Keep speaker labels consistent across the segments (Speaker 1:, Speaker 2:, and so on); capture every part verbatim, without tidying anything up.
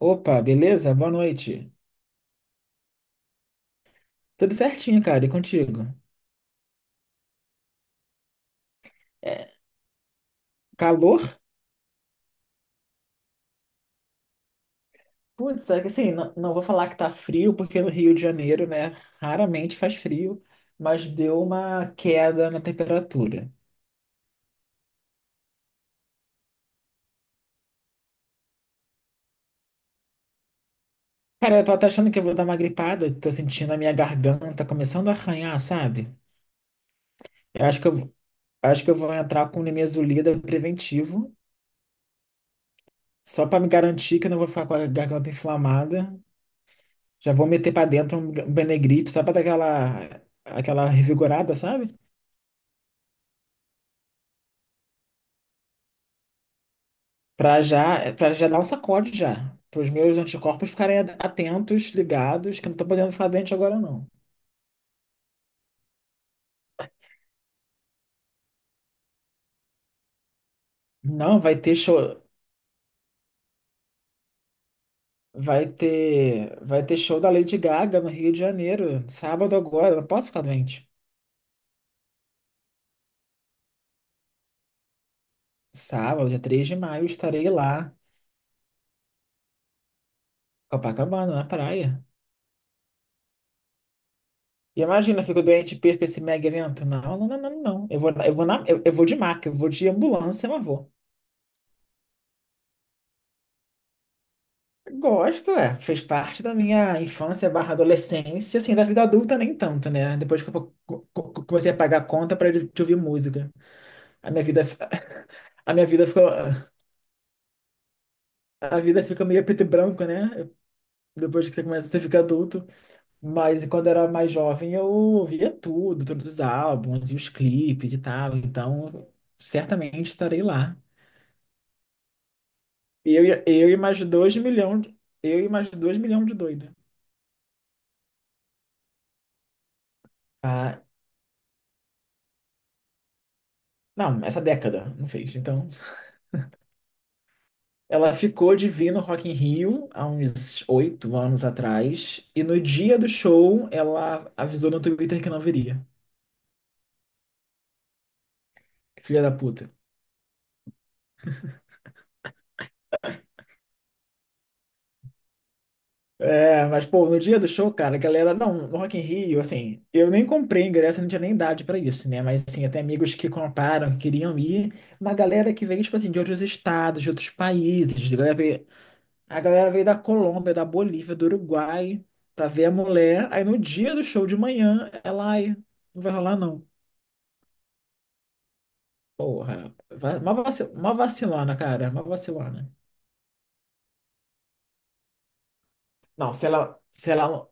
Speaker 1: Opa, beleza? Boa noite. Tudo certinho, cara, e contigo? É, calor? Putz, é que assim, não, não vou falar que tá frio, porque no Rio de Janeiro, né, raramente faz frio, mas deu uma queda na temperatura. Cara, eu tô até achando que eu vou dar uma gripada, eu tô sentindo a minha garganta começando a arranhar, sabe? Eu acho que eu, vou- acho que eu vou entrar com nimesulida preventivo, só pra me garantir que eu não vou ficar com a garganta inflamada. Já vou meter pra dentro um um Benegripe, só pra dar aquela, aquela revigorada, sabe? Pra já, para já dar um sacode já. Para os meus anticorpos ficarem atentos, ligados, que eu não tô podendo ficar doente agora, não. Não, vai ter show, vai ter, vai ter show da Lady Gaga no Rio de Janeiro, sábado agora, eu não posso ficar doente. Sábado, dia três de maio, estarei lá, Copacabana, na praia. E imagina, eu fico doente e perco esse mega evento. Não, não, não, não, não. Eu vou, eu vou na, eu, eu vou de maca, eu vou de ambulância, mas vou. Gosto, é. Fez parte da minha infância barra adolescência, assim, da vida adulta nem tanto, né? Depois que eu co- co- co- comecei a pagar a conta para de de ouvir música. A minha vida, f- a minha vida ficou, a vida fica meio preto e branco, né? Depois que você começa, você fica adulto. Mas quando eu era mais jovem, eu ouvia tudo, todos os álbuns e os clipes e tal. Então, certamente estarei lá. Eu, e- eu e mais dois milhões, eu e mais dois milhões de doido. Ah, não, essa década não fez, então. Ela ficou de vir no Rock in Rio há uns oito anos atrás. E no dia do show, ela avisou no Twitter que não viria. Filha da puta. É, mas, pô, no dia do show, cara, a galera. Não, no Rock in Rio, assim, eu nem comprei ingresso, eu não tinha nem idade pra isso, né? Mas, assim, até amigos que compraram, que queriam ir. Uma galera que veio, tipo assim, de outros estados, de outros países. A galera veio, a galera veio da Colômbia, da Bolívia, do Uruguai, pra ver a mulher. Aí no dia do show de manhã, ela, ai, não vai rolar, não. Porra, va- uma vaci- uma vacilona, cara, uma vacilona. Não, se ela, se ela,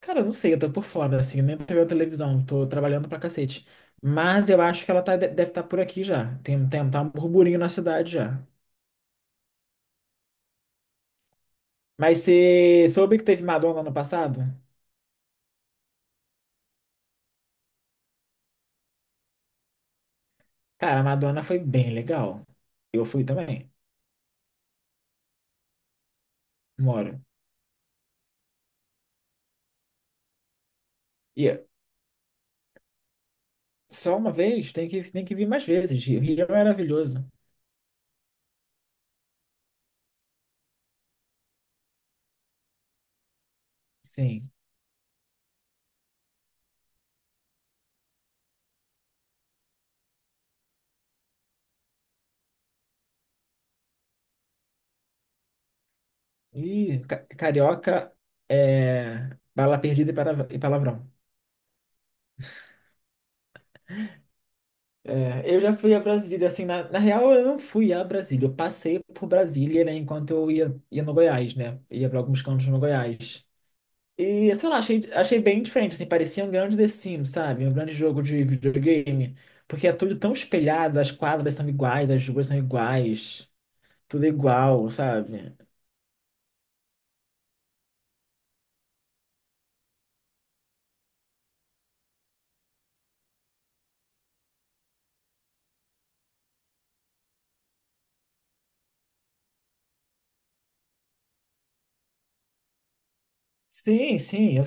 Speaker 1: cara, eu não sei, eu tô por fora, assim, nem tô vendo televisão, tô trabalhando pra cacete. Mas eu acho que ela tá, de- deve estar por aqui já. Tem, tem, tá um burburinho na cidade já. Mas você soube que teve Madonna ano passado? Cara, a Madonna foi bem legal. Eu fui também, moro. E só uma vez, tem que, tem que vir mais vezes. O Rio é maravilhoso. Sim. Ih, ca- carioca é bala perdida e para- e palavrão. É, eu já fui a Brasília, assim, na, na real eu não fui a Brasília, eu passei por Brasília, né, enquanto eu ia, ia no Goiás, né, ia pra alguns cantos no Goiás. E, sei lá, achei, achei bem diferente, assim, parecia um grande The Sims, sabe, um grande jogo de videogame, porque é tudo tão espelhado, as quadras são iguais, as ruas são iguais, tudo igual, sabe? Sim, sim. eu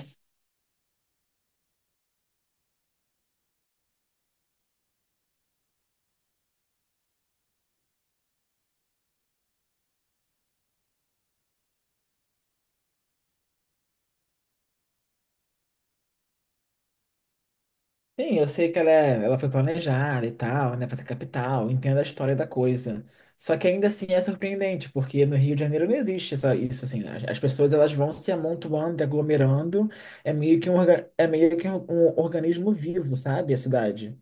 Speaker 1: Sim, eu sei que ela, é- ela foi planejada e tal, né, pra ser capital, entendo a história da coisa. Só que ainda assim é surpreendente, porque no Rio de Janeiro não existe essa, isso, assim, as, as pessoas elas vão se amontoando, aglomerando, é meio que um, orga- é meio que um, um organismo vivo, sabe, a cidade.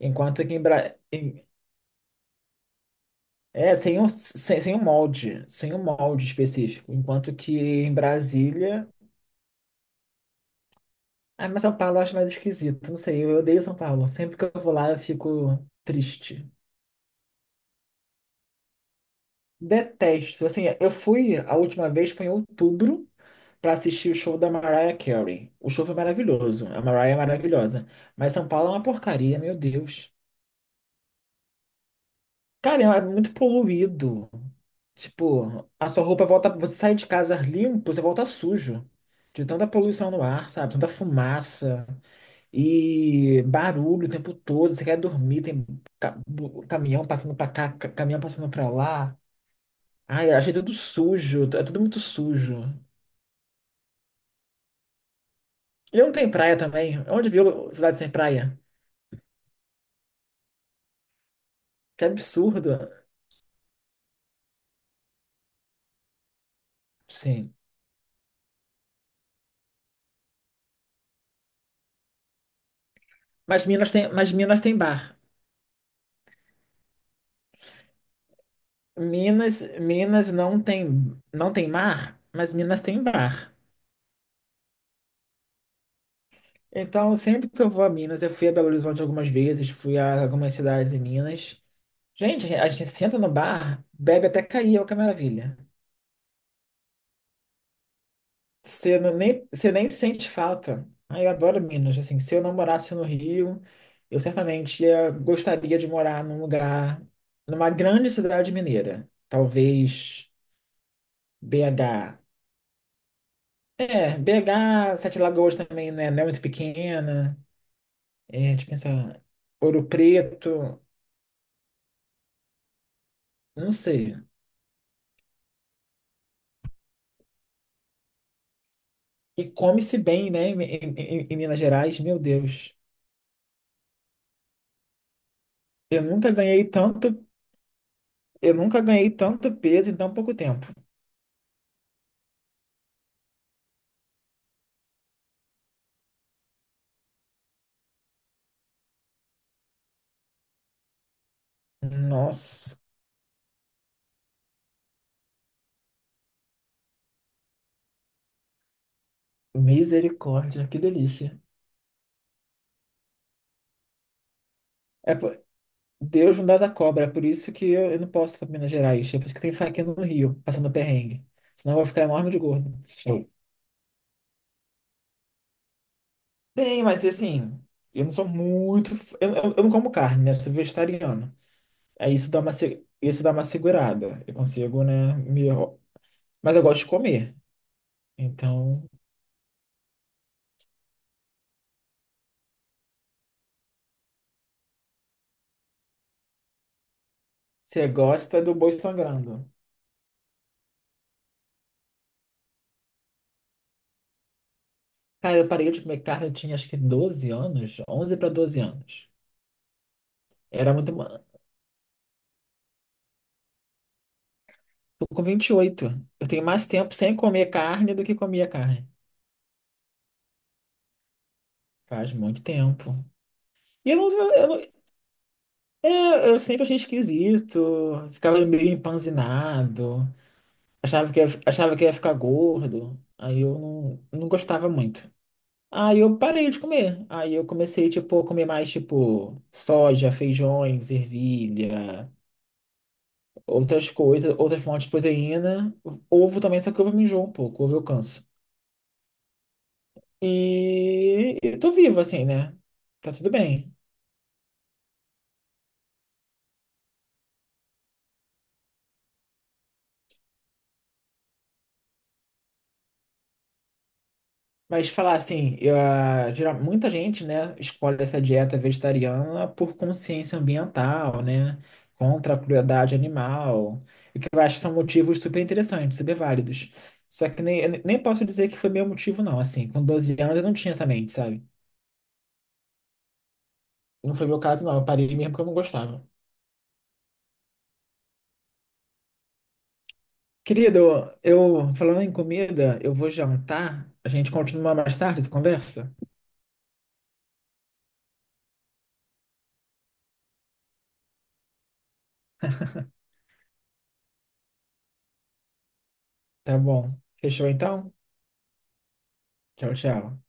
Speaker 1: Enquanto que em, Bra- em- é, sem um, sem, sem um molde, sem um molde específico, enquanto que em Brasília. Ah, mas São Paulo eu acho mais esquisito, não sei, eu odeio São Paulo, sempre que eu vou lá eu fico triste. Detesto. Assim, eu fui, a última vez foi em outubro para assistir o show da Mariah Carey. O show foi maravilhoso. A Mariah é maravilhosa. Mas São Paulo é uma porcaria, meu Deus. Cara, é muito poluído. Tipo, a sua roupa volta. Você sai de casa limpo, você volta sujo. De tanta poluição no ar, sabe? Tanta fumaça e barulho o tempo todo. Você quer dormir, tem ca- bu- caminhão passando pra cá, ca- caminhão passando pra lá. Ai, achei tudo sujo, é tudo muito sujo. Ele não tem praia também. Onde viu cidade sem praia? Que absurdo. Sim. Mas Minas tem, mas Minas tem bar. Minas, Minas não tem, não tem mar, mas Minas tem bar. Então, sempre que eu vou a Minas, eu fui a Belo Horizonte algumas vezes, fui a algumas cidades em Minas. Gente, a gente senta no bar, bebe até cair, olha que maravilha. Você não- nem, você nem sente falta. Ah, eu adoro Minas. Assim, se eu não morasse no Rio, eu certamente ia, gostaria de morar num lugar, numa grande cidade mineira. Talvez B H. É, B H, Sete Lagoas também, né? Não é muito pequena. É, deixa eu pensar. Ouro Preto, não sei. E come-se bem, né? Em, em- em- em Minas Gerais, meu Deus. Eu nunca ganhei tanto, eu nunca ganhei tanto peso em tão pouco tempo. Nossa. Misericórdia, que delícia. É, pô, Deus não dá da cobra, é por isso que eu, eu não posso ir pra Minas Gerais. É por isso que tem faquinha no Rio, passando perrengue. Senão eu vou ficar enorme de gordo. Sim. Tem, mas assim, eu não sou muito. f- Eu, eu- eu não como carne, né? Eu sou vegetariano. Aí isso dá uma, se- isso dá uma segurada. Eu consigo, né? Me... Mas eu gosto de comer. Então, você gosta do boi sangrando. Cara, eu parei de comer carne, eu tinha acho que doze anos, onze para doze anos. Era muito. Tô com vinte e oito. Eu tenho mais tempo sem comer carne do que comia carne. Faz muito tempo. E eu não, eu não- é, eu sempre achei esquisito. Ficava meio empanzinado. Achava que ia, achava que ia ficar gordo. Aí eu não, não gostava muito. Aí eu parei de comer. Aí eu comecei, tipo, a comer mais, tipo, soja, feijões, ervilha, outras coisas, outras fontes de proteína. Ovo também, só que ovo me enjoa um pouco, ovo eu canso. E eu tô vivo, assim, né? Tá tudo bem. Mas falar assim, eu, ah, geral- muita gente, né, escolhe essa dieta vegetariana por consciência ambiental, né? Contra a crueldade animal. O que eu acho que são motivos super interessantes, super válidos. Só que nem, eu nem posso dizer que foi meu motivo, não. Assim, com doze anos eu não tinha essa mente, sabe? Não foi meu caso, não. Eu parei mesmo porque eu não gostava. Querido, eu, falando em comida, eu vou jantar. A gente continua mais tarde essa conversa? Tá bom. Fechou então? Tchau, tchau.